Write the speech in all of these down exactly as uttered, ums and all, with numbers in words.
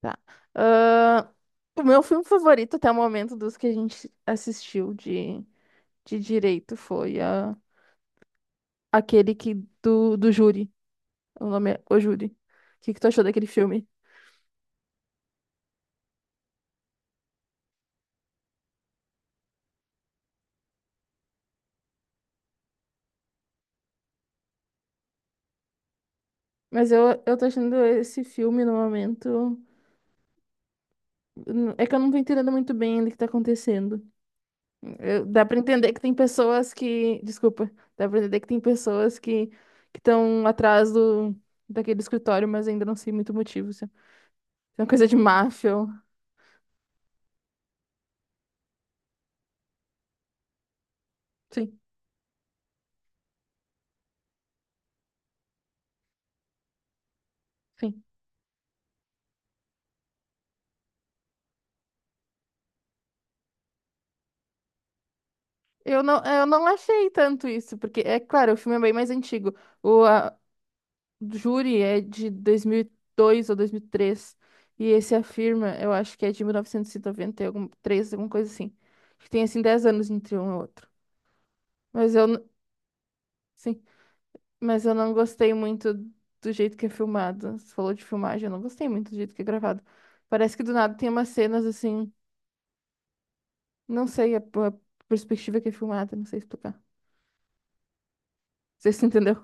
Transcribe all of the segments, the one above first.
Tá. Ahn, o meu filme favorito até o momento dos que a gente assistiu de, de direito foi ah, aquele que do, do júri. O nome é O Júri. O que, que tu achou daquele filme? Mas eu, eu tô achando esse filme no momento. É que eu não tô entendendo muito bem ainda o que tá acontecendo. Eu- dá pra entender que tem pessoas que, desculpa, dá pra entender que tem pessoas que que estão atrás do daquele escritório, mas ainda não sei muito o motivo. Se é uma coisa de máfia. ou- Sim, sim. Eu não, eu não achei tanto isso, porque é claro, o filme é bem mais antigo. O a, Júri é de dois mil e dois ou dois mil e três e três, e esse Afirma, eu acho que é de mil novecentos e noventa e três alguma coisa assim. Que tem assim dez anos entre um e outro. Mas eu n- sim. Mas eu não gostei muito do jeito que é filmado. Você falou de filmagem, eu não gostei muito do jeito que é gravado. Parece que do nada tem umas cenas assim, não sei a, a perspectiva que é filmada, não sei explicar. Você se entendeu?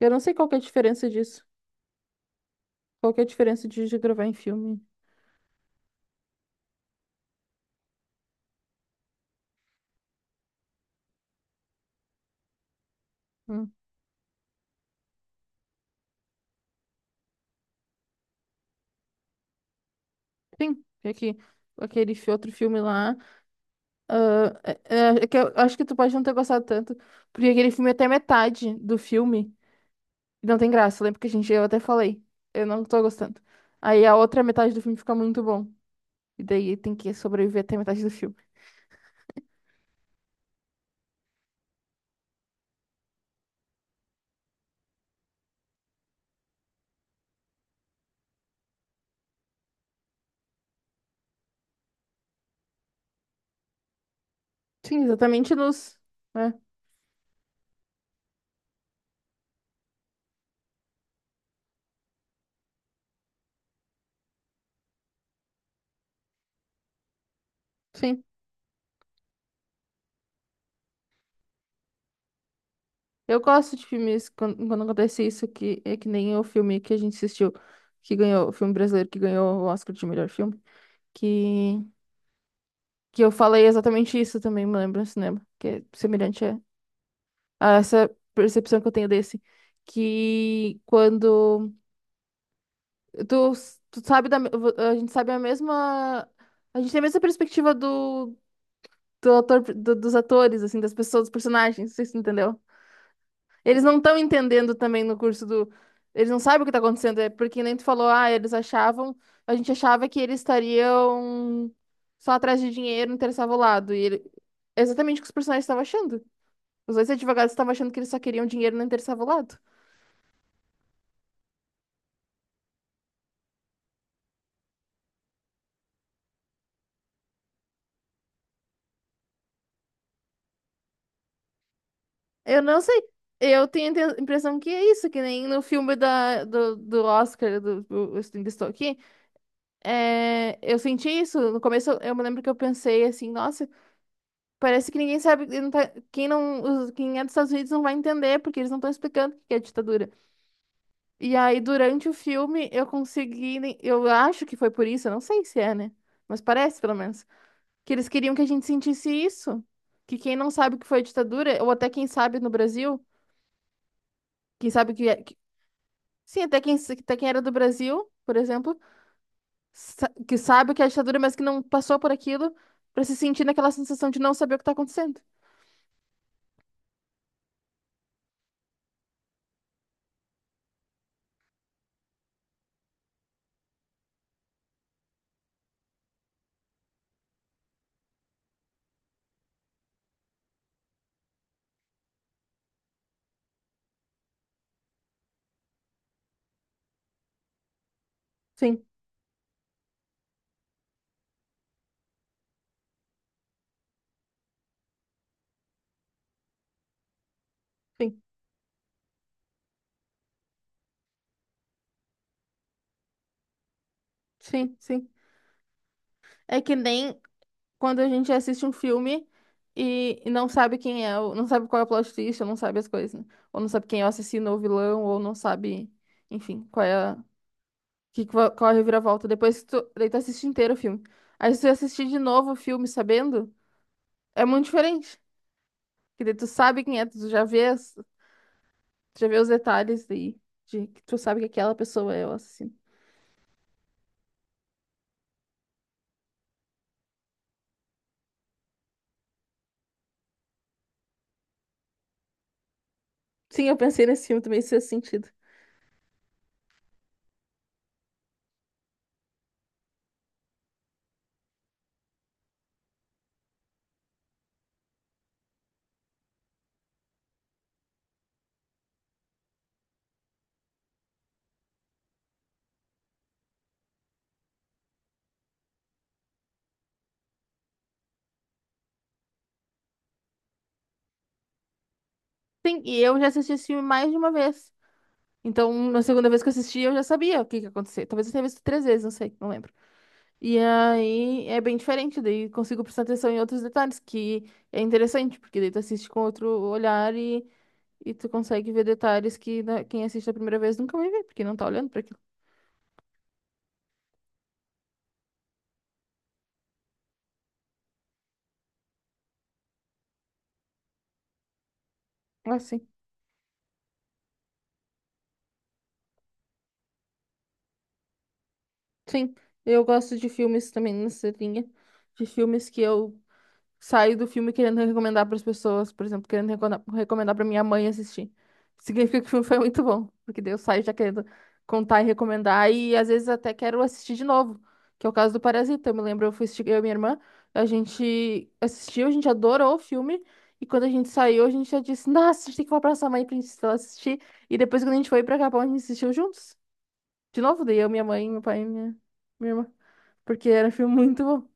Eu não sei qual que é a diferença disso. Qual que é a diferença de de gravar em filme? Hum. Sim, é que aquele fi- outro filme lá, ah, é- é- é que eu acho que tu pode não ter gostado tanto, porque aquele filme é até metade do filme não tem graça. Lembra que a gente eu até falei, eu não tô gostando. Aí a outra metade do filme fica muito bom. E daí tem que sobreviver até metade do filme. Sim, exatamente nos. É, sim. Eu gosto de filmes quando, quando acontece isso, que é que nem o filme que a gente assistiu, que ganhou, o filme brasileiro que ganhou o Oscar de melhor filme, que, que eu falei exatamente isso também, me lembro no cinema, que é semelhante a, a essa percepção que eu tenho desse, que quando tu, tu sabe da, me- a gente sabe a mesma, a gente tem a mesma perspectiva do, do autor, do- dos atores, assim, das pessoas, dos personagens, não entendeu. Eles não estão entendendo também no curso do. Eles não sabem o que tá acontecendo, é porque nem tu falou, ah, eles achavam, a gente achava que eles estariam só atrás de dinheiro, não interessava o lado. E ele... é exatamente o que os personagens estavam achando. Os dois advogados estavam achando que eles só queriam dinheiro, não interessava o lado. Eu não sei. Eu tenho a inte- impressão que é isso, que nem no filme da, do, do Oscar, do, do Ainda Estou Aqui. É, eu senti isso. No começo, eu me lembro que eu pensei assim, nossa, parece que ninguém sabe, não tá- quem não, os- quem é dos Estados Unidos não vai entender, porque eles não estão explicando o que é ditadura. E aí, durante o filme, eu consegui, ne- eu acho que foi por isso, eu não sei se é, né? Mas parece, pelo menos, que eles queriam que a gente sentisse isso, que quem não sabe o que foi ditadura, ou até quem sabe no Brasil, quem sabe que, é- que sim, até quem, até quem era do Brasil, por exemplo sa- que sabe o que é ditadura, mas que não passou por aquilo, pra se sentir naquela sensação de não saber o que tá acontecendo. Sim, sim, sim, sim. É que nem quando a gente assiste um filme e, e não sabe quem é, o- não sabe qual é o plot twist, ou não sabe as coisas, né? Ou não sabe quem é o assassino ou o vilão, ou não sabe, enfim, qual é a, que, qual qual é a reviravolta. Depois que tu, daí tu assiste inteiro o filme. Aí se tu assistir de novo o filme sabendo, é muito diferente. Porque daí tu sabe quem é, tu já vês. Já vê os detalhes aí, de que tu sabe que aquela pessoa é o assassino. Sim, eu pensei nesse filme também, isso fez sentido. Sim, e eu já assisti esse filme mais de uma vez. Então, na segunda vez que eu assisti, eu já sabia o que que ia acontecer. Talvez eu tenha visto três vezes, não sei, não lembro. E aí é bem diferente, daí consigo prestar atenção em outros detalhes, que é interessante, porque daí tu assiste com outro olhar e, e tu consegue ver detalhes que na- quem assiste a primeira vez nunca vai ver, porque não tá olhando pra aquilo. Ah, sim. Sim, eu gosto de filmes também nessa linha, de filmes que eu saio do filme querendo recomendar para as pessoas, por exemplo, querendo recona- recomendar para minha mãe assistir. Significa que o filme foi muito bom, porque daí eu saio já querendo contar e recomendar, e às vezes até quero assistir de novo, que é o caso do Parasita. Eu me lembro, eu fui assistir, eu e minha irmã, a gente assistiu, a gente adorou o filme, e quando a gente saiu, a gente já disse, nossa, a gente tem que falar pra sua mãe pra gente ela assistir, e depois quando a gente foi pra Capão, a gente assistiu juntos. De novo, daí eu, minha mãe, meu pai e minha, minha irmã, porque era um filme muito bom.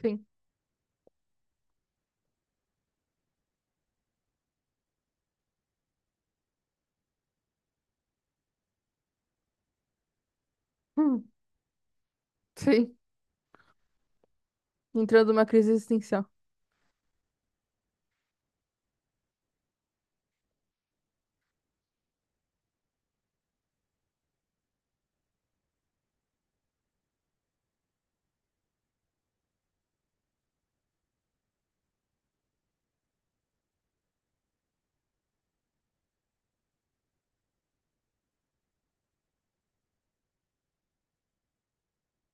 Sim. Hum, sim. Entrando numa crise existencial.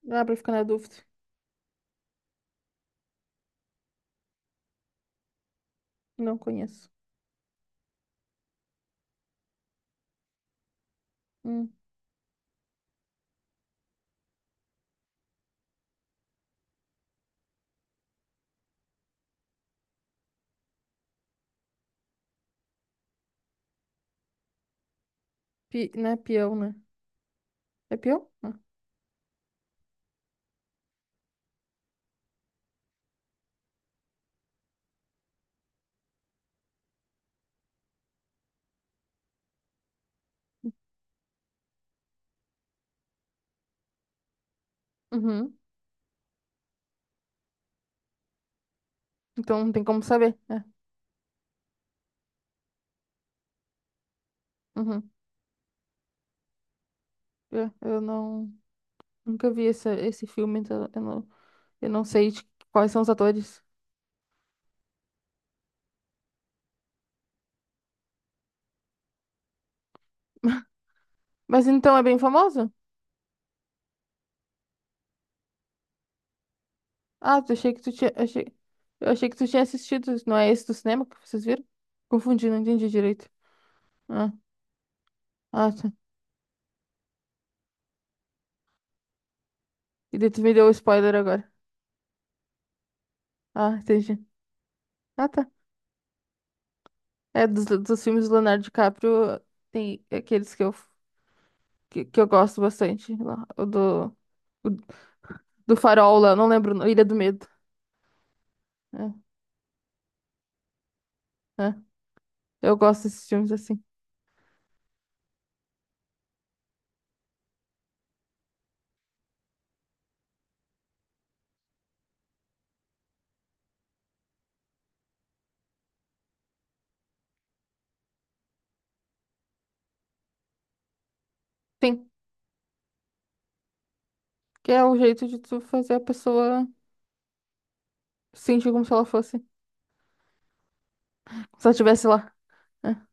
Dá pra ficar na dúvida. Não conheço. Hum, pi, não é peão, né? É peão? Ah, uhum. Então não tem como saber, né? Uhum. É, eu não... Nunca vi esse, esse filme, então eu não, eu não sei de quais são os atores. Mas então é bem famoso? Ah, eu achei que tu tinha... Achei, eu achei que tu tinha assistido. Não é esse do cinema que vocês viram? Confundi, não entendi direito. Ah, ah, tá. E daí tu me deu o spoiler agora. Ah, entendi. Ah, tá. É, dos, dos filmes do Leonardo DiCaprio, tem aqueles que eu, que, que eu gosto bastante. Lá. O do, o do Farol lá, não lembro, o nome, Ilha do Medo. É, é. Eu gosto desses filmes assim. Sim, que é um jeito de tu fazer a pessoa sentir como se ela fosse, se ela estivesse lá. Né?